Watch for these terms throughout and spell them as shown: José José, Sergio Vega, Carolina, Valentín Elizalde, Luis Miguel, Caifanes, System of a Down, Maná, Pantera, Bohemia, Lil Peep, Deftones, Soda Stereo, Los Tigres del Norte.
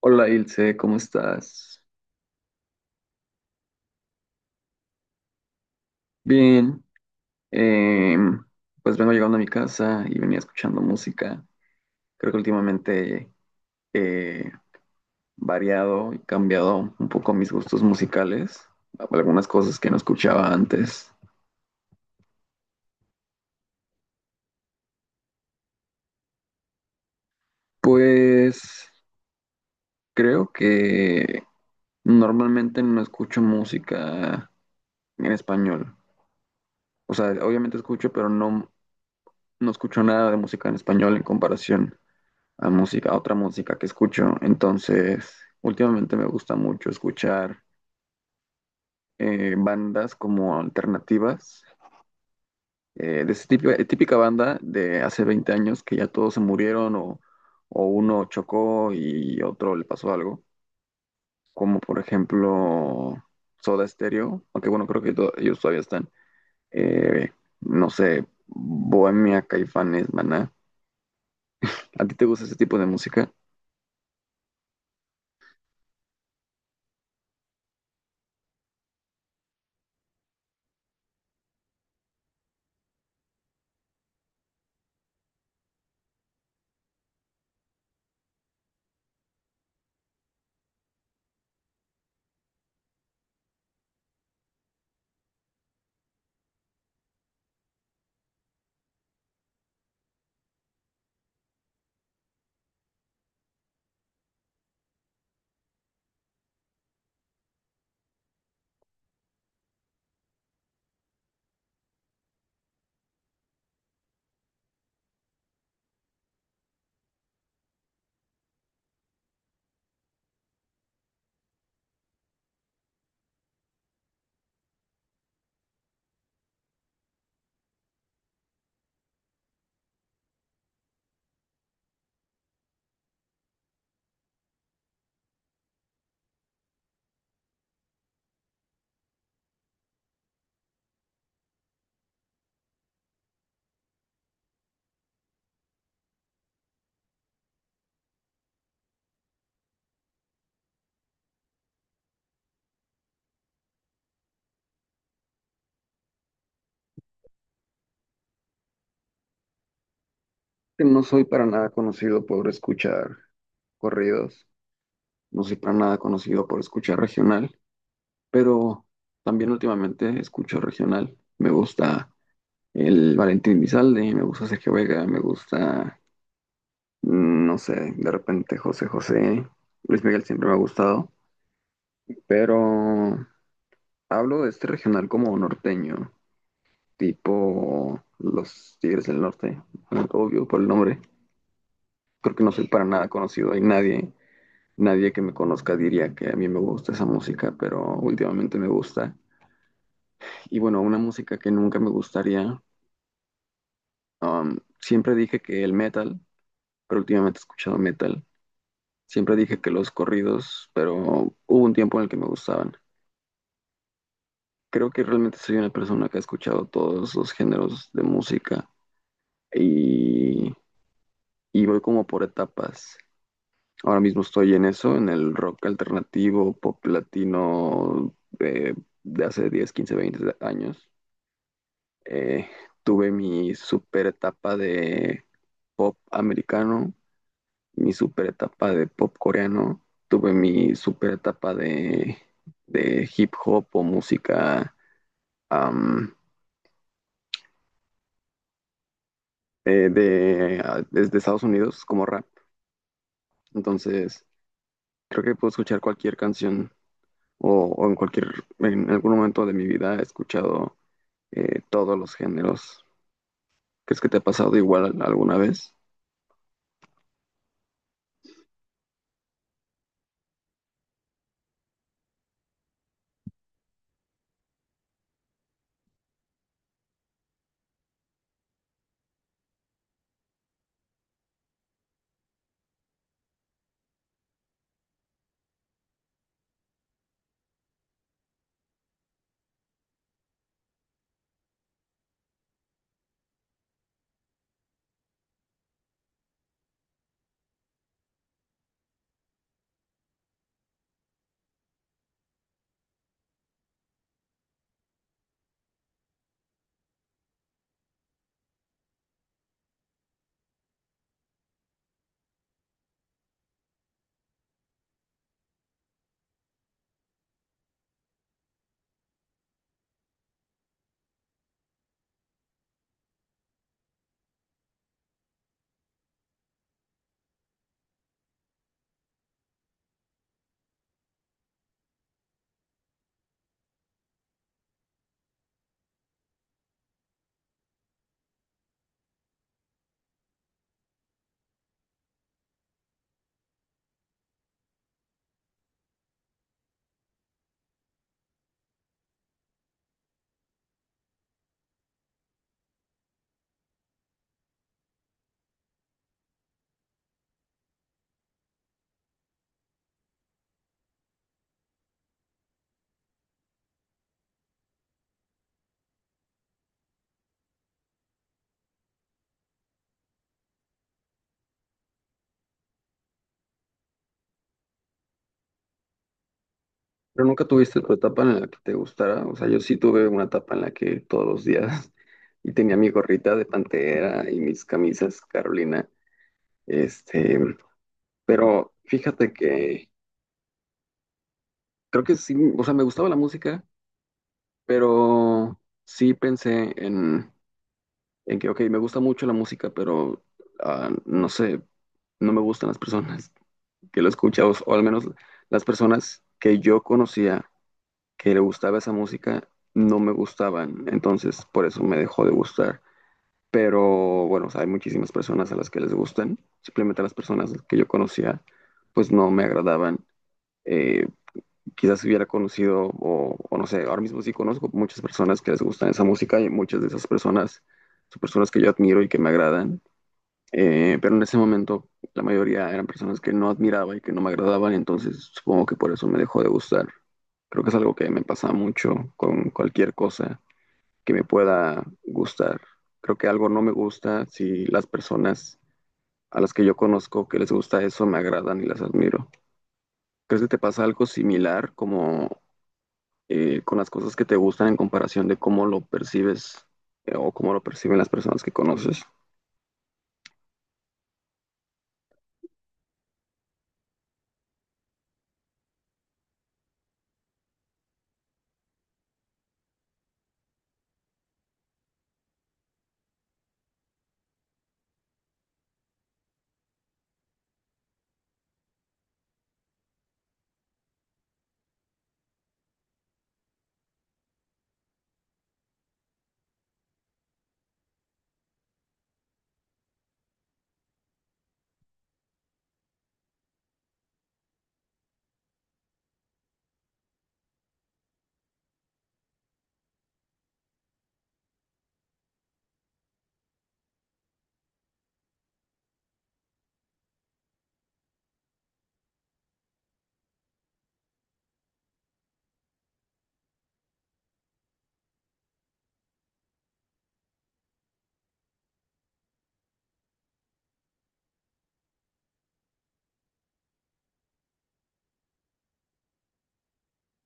Hola Ilse, ¿cómo estás? Bien, em, pues vengo llegando a mi casa y venía escuchando música. Creo que últimamente he variado y cambiado un poco mis gustos musicales, algunas cosas que no escuchaba antes. Pues creo que normalmente no escucho música en español. O sea, obviamente escucho, pero no, no escucho nada de música en español en comparación a música, a otra música que escucho. Entonces, últimamente me gusta mucho escuchar bandas como alternativas, de esa típica, típica banda de hace 20 años que ya todos se murieron o uno chocó y otro le pasó algo, como por ejemplo Soda Stereo, aunque bueno, creo que ellos todavía están. eh, no sé, Bohemia, Caifanes, Maná. ¿A ti te gusta ese tipo de música? Que no soy para nada conocido por escuchar corridos, no soy para nada conocido por escuchar regional, pero también últimamente escucho regional. Me gusta el Valentín Elizalde, me gusta Sergio Vega, me gusta, no sé, de repente José José, Luis Miguel siempre me ha gustado, pero hablo de este regional como norteño, tipo Los Tigres del Norte, obvio por el nombre, creo que no soy para nada conocido. Hay nadie, nadie que me conozca diría que a mí me gusta esa música, pero últimamente me gusta. Y bueno, una música que nunca me gustaría. Siempre dije que el metal, pero últimamente he escuchado metal. Siempre dije que los corridos, pero hubo un tiempo en el que me gustaban. Creo que realmente soy una persona que ha escuchado todos los géneros de música y, y voy como por etapas. Ahora mismo estoy en eso, en el rock alternativo, pop latino, eh, de hace 10, 15, 20 años. Eh, Tuve mi super etapa de pop americano, mi super etapa de pop coreano, tuve mi super etapa de hip hop o música, am, desde Estados Unidos como rap. Entonces, creo que puedo escuchar cualquier canción o, o en en algún momento de mi vida he escuchado todos los géneros. ¿Crees que te ha pasado igual alguna vez? Pero nunca tuviste tu etapa en la que te gustara. O sea, yo sí tuve una etapa en la que todos los días y tenía mi gorrita de Pantera y mis camisas Carolina. Este, pero fíjate que creo que sí, o sea, me gustaba la música, pero sí pensé en que, ok, me gusta mucho la música, pero no sé, no me gustan las personas que lo escuchan, o al menos las personas que yo conocía que le gustaba esa música no me gustaban, entonces por eso me dejó de gustar. Pero bueno, o sea, hay muchísimas personas a las que les gustan, simplemente a las personas que yo conocía, pues no me agradaban. Eh, Quizás hubiera conocido, o no sé, ahora mismo sí conozco muchas personas que les gustan esa música y muchas de esas personas son personas que yo admiro y que me agradan, pero en ese momento la mayoría eran personas que no admiraba y que no me agradaban, entonces supongo que por eso me dejó de gustar. Creo que es algo que me pasa mucho con cualquier cosa que me pueda gustar. Creo que algo no me gusta si las personas a las que yo conozco que les gusta eso me agradan y las admiro. ¿Crees que te pasa algo similar como, con las cosas que te gustan en comparación de cómo lo percibes, o cómo lo perciben las personas que conoces?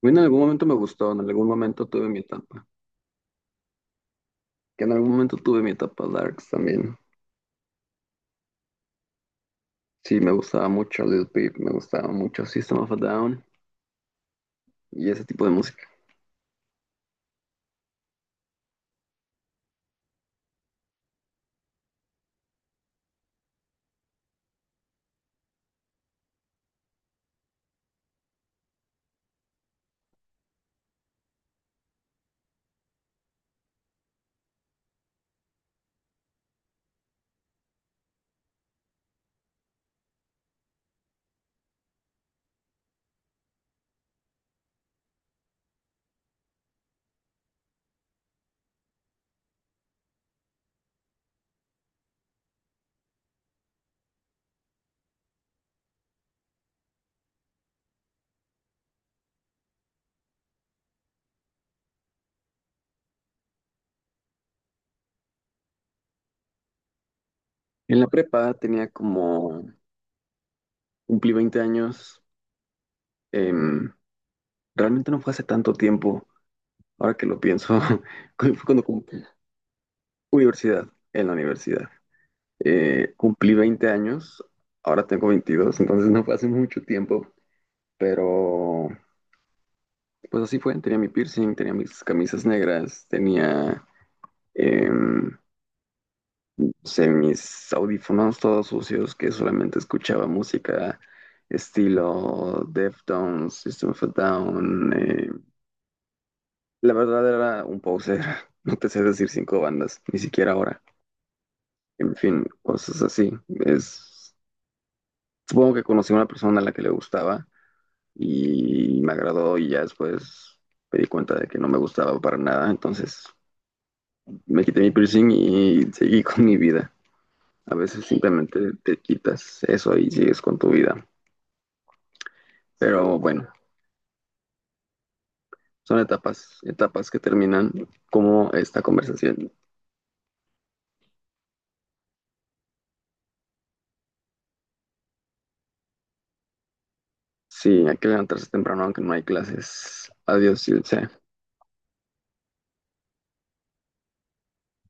A mí en algún momento me gustó, en algún momento tuve mi etapa, que en algún momento tuve mi etapa Darks también. Sí, me gustaba mucho Lil Peep, me gustaba mucho System of a Down y ese tipo de música. En la prepa tenía como, cumplí 20 años, em, realmente no fue hace tanto tiempo, ahora que lo pienso, fue cuando cumplí universidad, en la universidad. Cumplí 20 años, ahora tengo 22, entonces no fue hace mucho tiempo, pero pues así fue, tenía mi piercing, tenía mis camisas negras, em, usé mis audífonos todos sucios que solamente escuchaba música estilo Deftones, System of a Down. La verdad era un poser. No te sé decir cinco bandas, ni siquiera ahora. En fin, cosas así. Supongo que conocí a una persona a la que le gustaba y me agradó y ya después me di cuenta de que no me gustaba para nada. Entonces me quité mi piercing y seguí con mi vida. A veces simplemente te quitas eso y sigues con tu vida. Pero bueno, son etapas, etapas que terminan como esta conversación. Sí, hay que levantarse temprano aunque no hay clases. Adiós, Ilse.